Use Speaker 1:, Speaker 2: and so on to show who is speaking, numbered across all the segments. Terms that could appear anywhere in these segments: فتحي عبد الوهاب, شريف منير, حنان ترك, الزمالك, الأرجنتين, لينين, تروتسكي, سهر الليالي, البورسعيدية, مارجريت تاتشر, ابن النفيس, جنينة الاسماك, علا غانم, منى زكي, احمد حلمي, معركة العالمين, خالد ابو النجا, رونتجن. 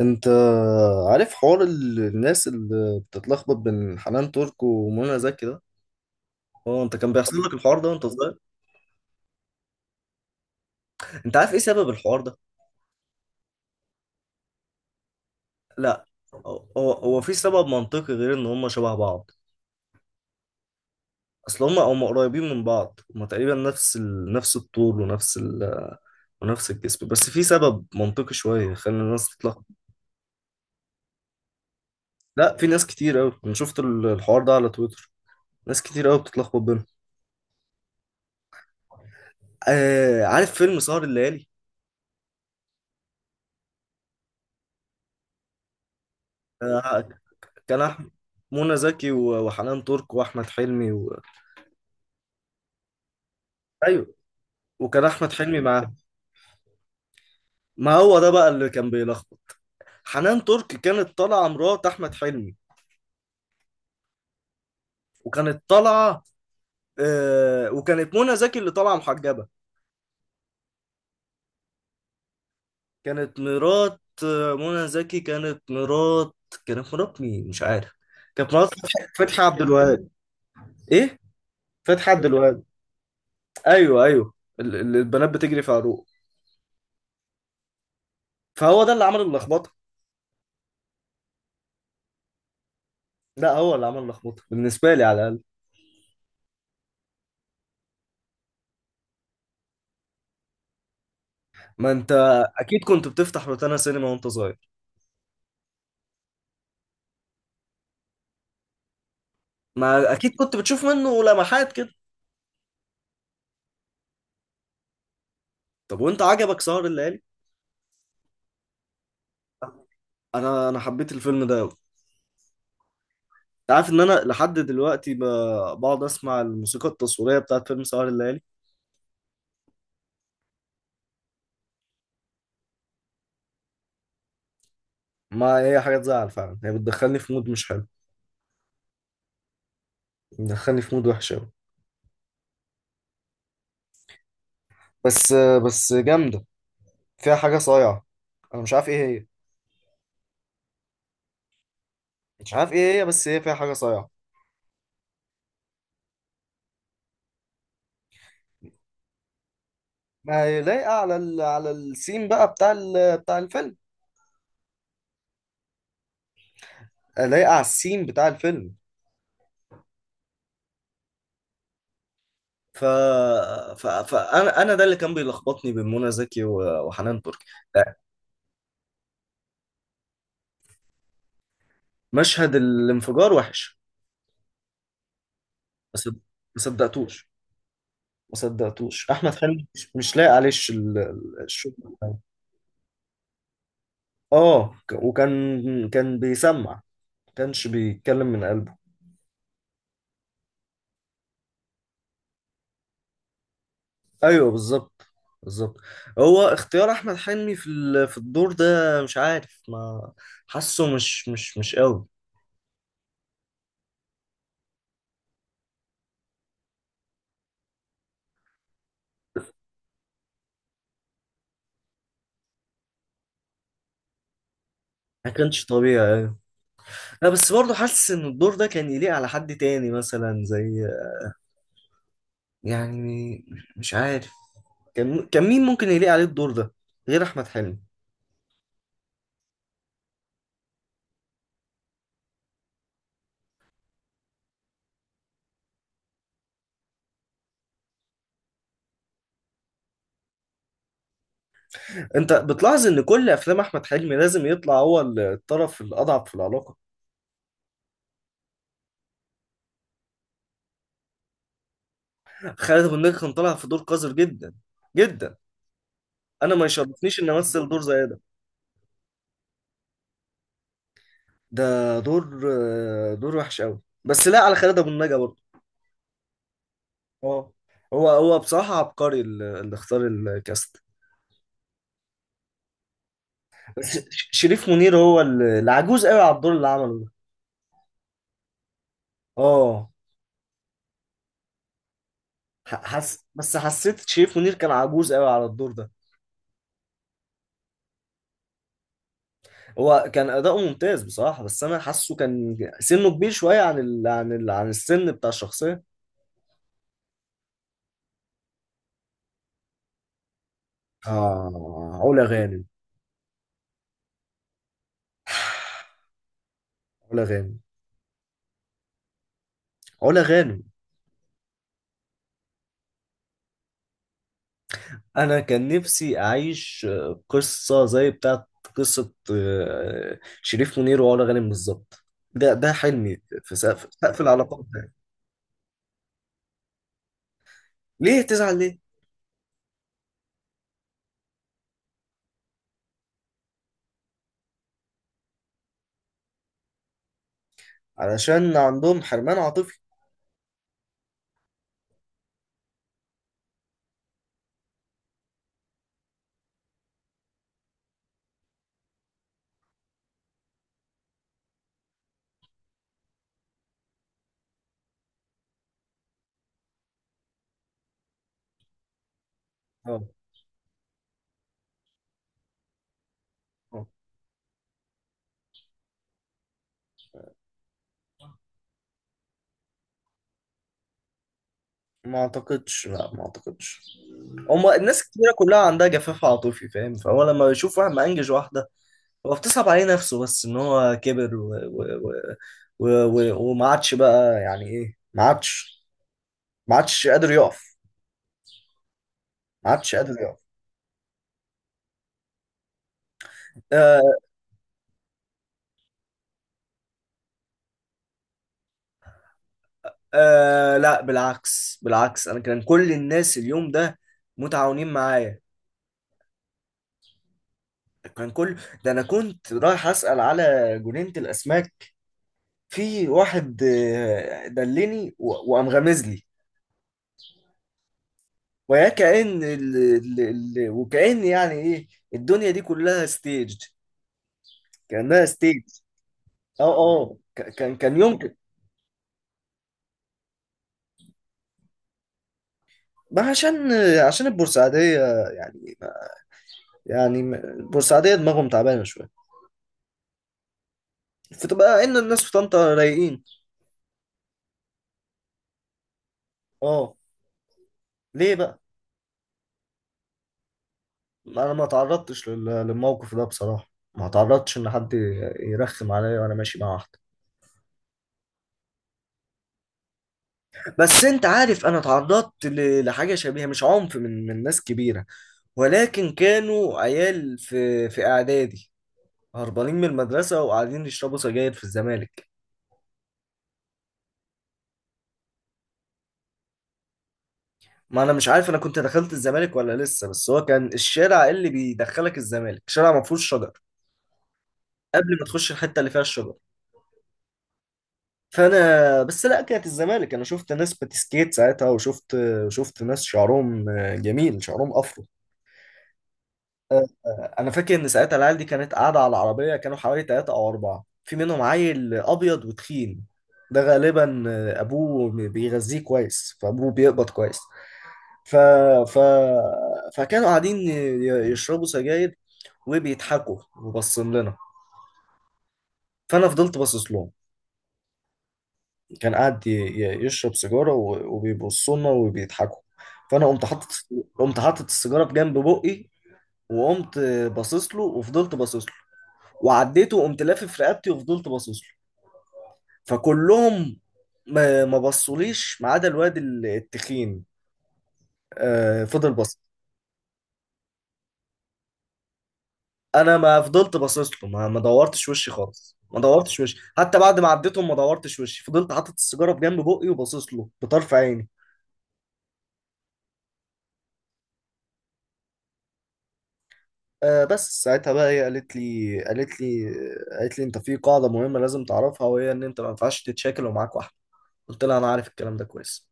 Speaker 1: انت عارف حوار الناس اللي بتتلخبط بين حنان ترك ومنى زكي ده؟ اه، انت كان بيحصل لك الحوار ده وانت صغير؟ انت عارف ايه سبب الحوار ده؟ لا، هو في سبب منطقي غير ان هم شبه بعض؟ اصل هم قريبين من بعض، هم تقريبا نفس الطول ونفس الجسم، بس في سبب منطقي شويه خلى الناس تتلخبط. لا، في ناس كتير قوي، انا شفت الحوار ده على تويتر، ناس كتير قوي بتتلخبط بينهم. آه. عارف فيلم سهر الليالي؟ آه. كان احمد منى زكي و- وحنان ترك واحمد حلمي. ايوه، وكان احمد حلمي معاه. ما هو ده بقى اللي كان بيلخبط. حنان ترك كانت طالعه مرات احمد حلمي. وكانت طالعه وكانت منى زكي اللي طالعه محجبه. كانت مرات منى زكي، كانت مرات. كانت مرات مين؟ مش عارف. كانت مرات فتحي عبد الوهاب. ايه. فتحي عبد الوهاب. ايوه، ايوه. البنات بتجري في عروق. فهو ده اللي عمل اللخبطه. لا، هو اللي عمل اللخبطه بالنسبه لي على الاقل. ما انت اكيد كنت بتفتح روتانا سينما وانت صغير. ما اكيد كنت بتشوف منه لمحات كده. طب، وانت عجبك سهر الليالي؟ انا حبيت الفيلم ده قوي. انت عارف ان انا لحد دلوقتي بقعد اسمع الموسيقى التصويريه بتاعت فيلم سهر الليالي. ما هي حاجه تزعل فعلا، هي بتدخلني في مود مش حلو، بتدخلني في مود وحش قوي. بس بس جامده، فيها حاجه صايعه، انا مش عارف ايه هي. مش عارف ايه هي، بس هي فيها حاجه صايعه. ما هي لايقه على السين بقى بتاع الفيلم. لايقه على السين بتاع الفيلم. ف... فانا ده اللي كان بيلخبطني بين منى زكي و- وحنان ترك. مشهد الانفجار وحش، بس، صدقتوش ما صدقتوش. احمد حلمي مش لاقي عليه الشغل بتاعه. اه، وكان بيسمع، ما كانش بيتكلم من قلبه. ايوه، بالظبط، بالظبط. هو اختيار احمد حلمي في الدور ده، مش عارف، ما حاسه مش قوي. ما كانش طبيعي. لا، بس برضه حاسس ان الدور ده كان يليق على حد تاني، مثلا زي، يعني، مش عارف. كان مين ممكن يليق عليه الدور ده غير احمد حلمي؟ انت بتلاحظ ان كل افلام احمد حلمي لازم يطلع هو الطرف الاضعف في العلاقه؟ خالد ابو النجا كان طالع في دور قذر جدا، جدا. انا ما يشرفنيش ان امثل دور زي ده. ده دور دور وحش قوي، بس لا على خالد ابو النجا برضه. اه، هو بصراحه عبقري اللي اختار الكاست. بس شريف منير هو العجوز قوي على الدور اللي عمله ده. اه، ح- حس بس حسيت شريف منير كان عجوز قوي على الدور ده. هو كان اداؤه ممتاز بصراحة، بس انا حاسه كان سنه كبير شوية عن السن بتاع الشخصية. اه، علا غانم. علا غانم. علا غانم. انا كان نفسي اعيش قصة زي بتاعت قصة شريف منير وعلا غانم بالظبط. ده حلمي في سقف سقف العلاقات ده. ليه تزعل؟ ليه؟ علشان عندهم حرمان عاطفي. اه. آه. ما اعتقدش، لا، ما اعتقدش. هما الناس كتيرة كلها عندها جفاف عاطفي، فاهم؟ فهو لما بيشوف واحد مأنجج واحدة، هو بتصعب عليه نفسه، بس ان هو كبر و... وما عادش بقى، يعني ايه، ما عادش، ما عادش قادر يقف. ما عادش قادر يقف. آه، آه، لا، بالعكس، بالعكس، انا كان كل الناس اليوم ده متعاونين معايا. كان كل ده انا كنت رايح اسأل على جنينة الاسماك. في واحد دلني و- وقام غامز لي، ويا كأن وكأن يعني ايه، الدنيا دي كلها ستيج، كأنها ستيج. اه، اه، كان يمكن. ما عشان البورسعيدية، يعني ما- يعني البورسعيدية دماغهم تعبانة شوية. فتبقى ان الناس في طنطا رايقين. اه. ليه بقى؟ انا ما تعرضتش للموقف ده بصراحة، ما تعرضتش ان حد يرخم عليا وانا ماشي مع واحدة. بس انت عارف انا اتعرضت لحاجه شبيهه، مش عنف من ناس كبيره، ولكن كانوا عيال في اعدادي هربانين من المدرسه وقاعدين يشربوا سجاير في الزمالك. ما انا مش عارف انا كنت دخلت الزمالك ولا لسه، بس هو كان الشارع اللي بيدخلك الزمالك شارع ما فيهوش شجر قبل ما تخش الحته اللي فيها الشجر. فانا بس لا، كانت الزمالك، انا شفت ناس بتسكيت ساعتها، وشفت ناس شعرهم جميل، شعرهم افرو. انا فاكر ان ساعتها العيال دي كانت قاعده على العربيه، كانوا حوالي ثلاثه او اربعه، في منهم عيل ابيض وتخين، ده غالبا ابوه بيغذيه كويس، فابوه بيقبض كويس. ف... ف... فكانوا قاعدين يشربوا سجاير، وبيضحكوا وبصين لنا، فانا فضلت باصص لهم. كان قاعد يشرب سيجاره و- وبيبصوا لنا وبيضحكوا. فانا قمت حاطط السيجاره بجنب بقي، وقمت باصص له وفضلت باصص له، وعديته وقمت لافف رقبتي وفضلت باصص له. فكلهم ما بصوليش، ما عدا الواد التخين، آه، فضل باصص. انا ما فضلت باصص له، ما دورتش وشي خالص، ما دورتش وشي حتى بعد ما عديتهم، ما دورتش وشي، فضلت حاطط السيجاره بجنب بقي وباصص له بطرف عيني. آه، بس ساعتها بقى هي قالت لي انت في قاعده مهمه لازم تعرفها، وهي ان انت ما ينفعش تتشاكل ومعاك واحده. قلت لها انا عارف الكلام ده كويس.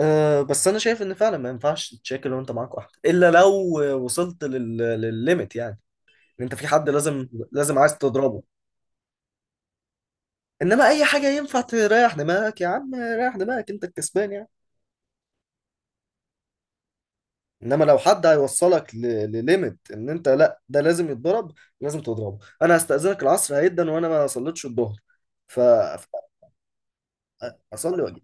Speaker 1: أه، بس انا شايف ان فعلا ما ينفعش تشاكل وانت معاك واحده، الا لو وصلت للليميت يعني، ان انت في حد لازم عايز تضربه. انما اي حاجه ينفع تريح دماغك، يا عم، ريح دماغك، انت الكسبان يعني. انما لو حد هيوصلك لليميت، ان انت، لا، ده لازم يتضرب، لازم تضربه. انا هستأذنك، العصر هيدا وانا ما صليتش الظهر، ف... ف... اصلي.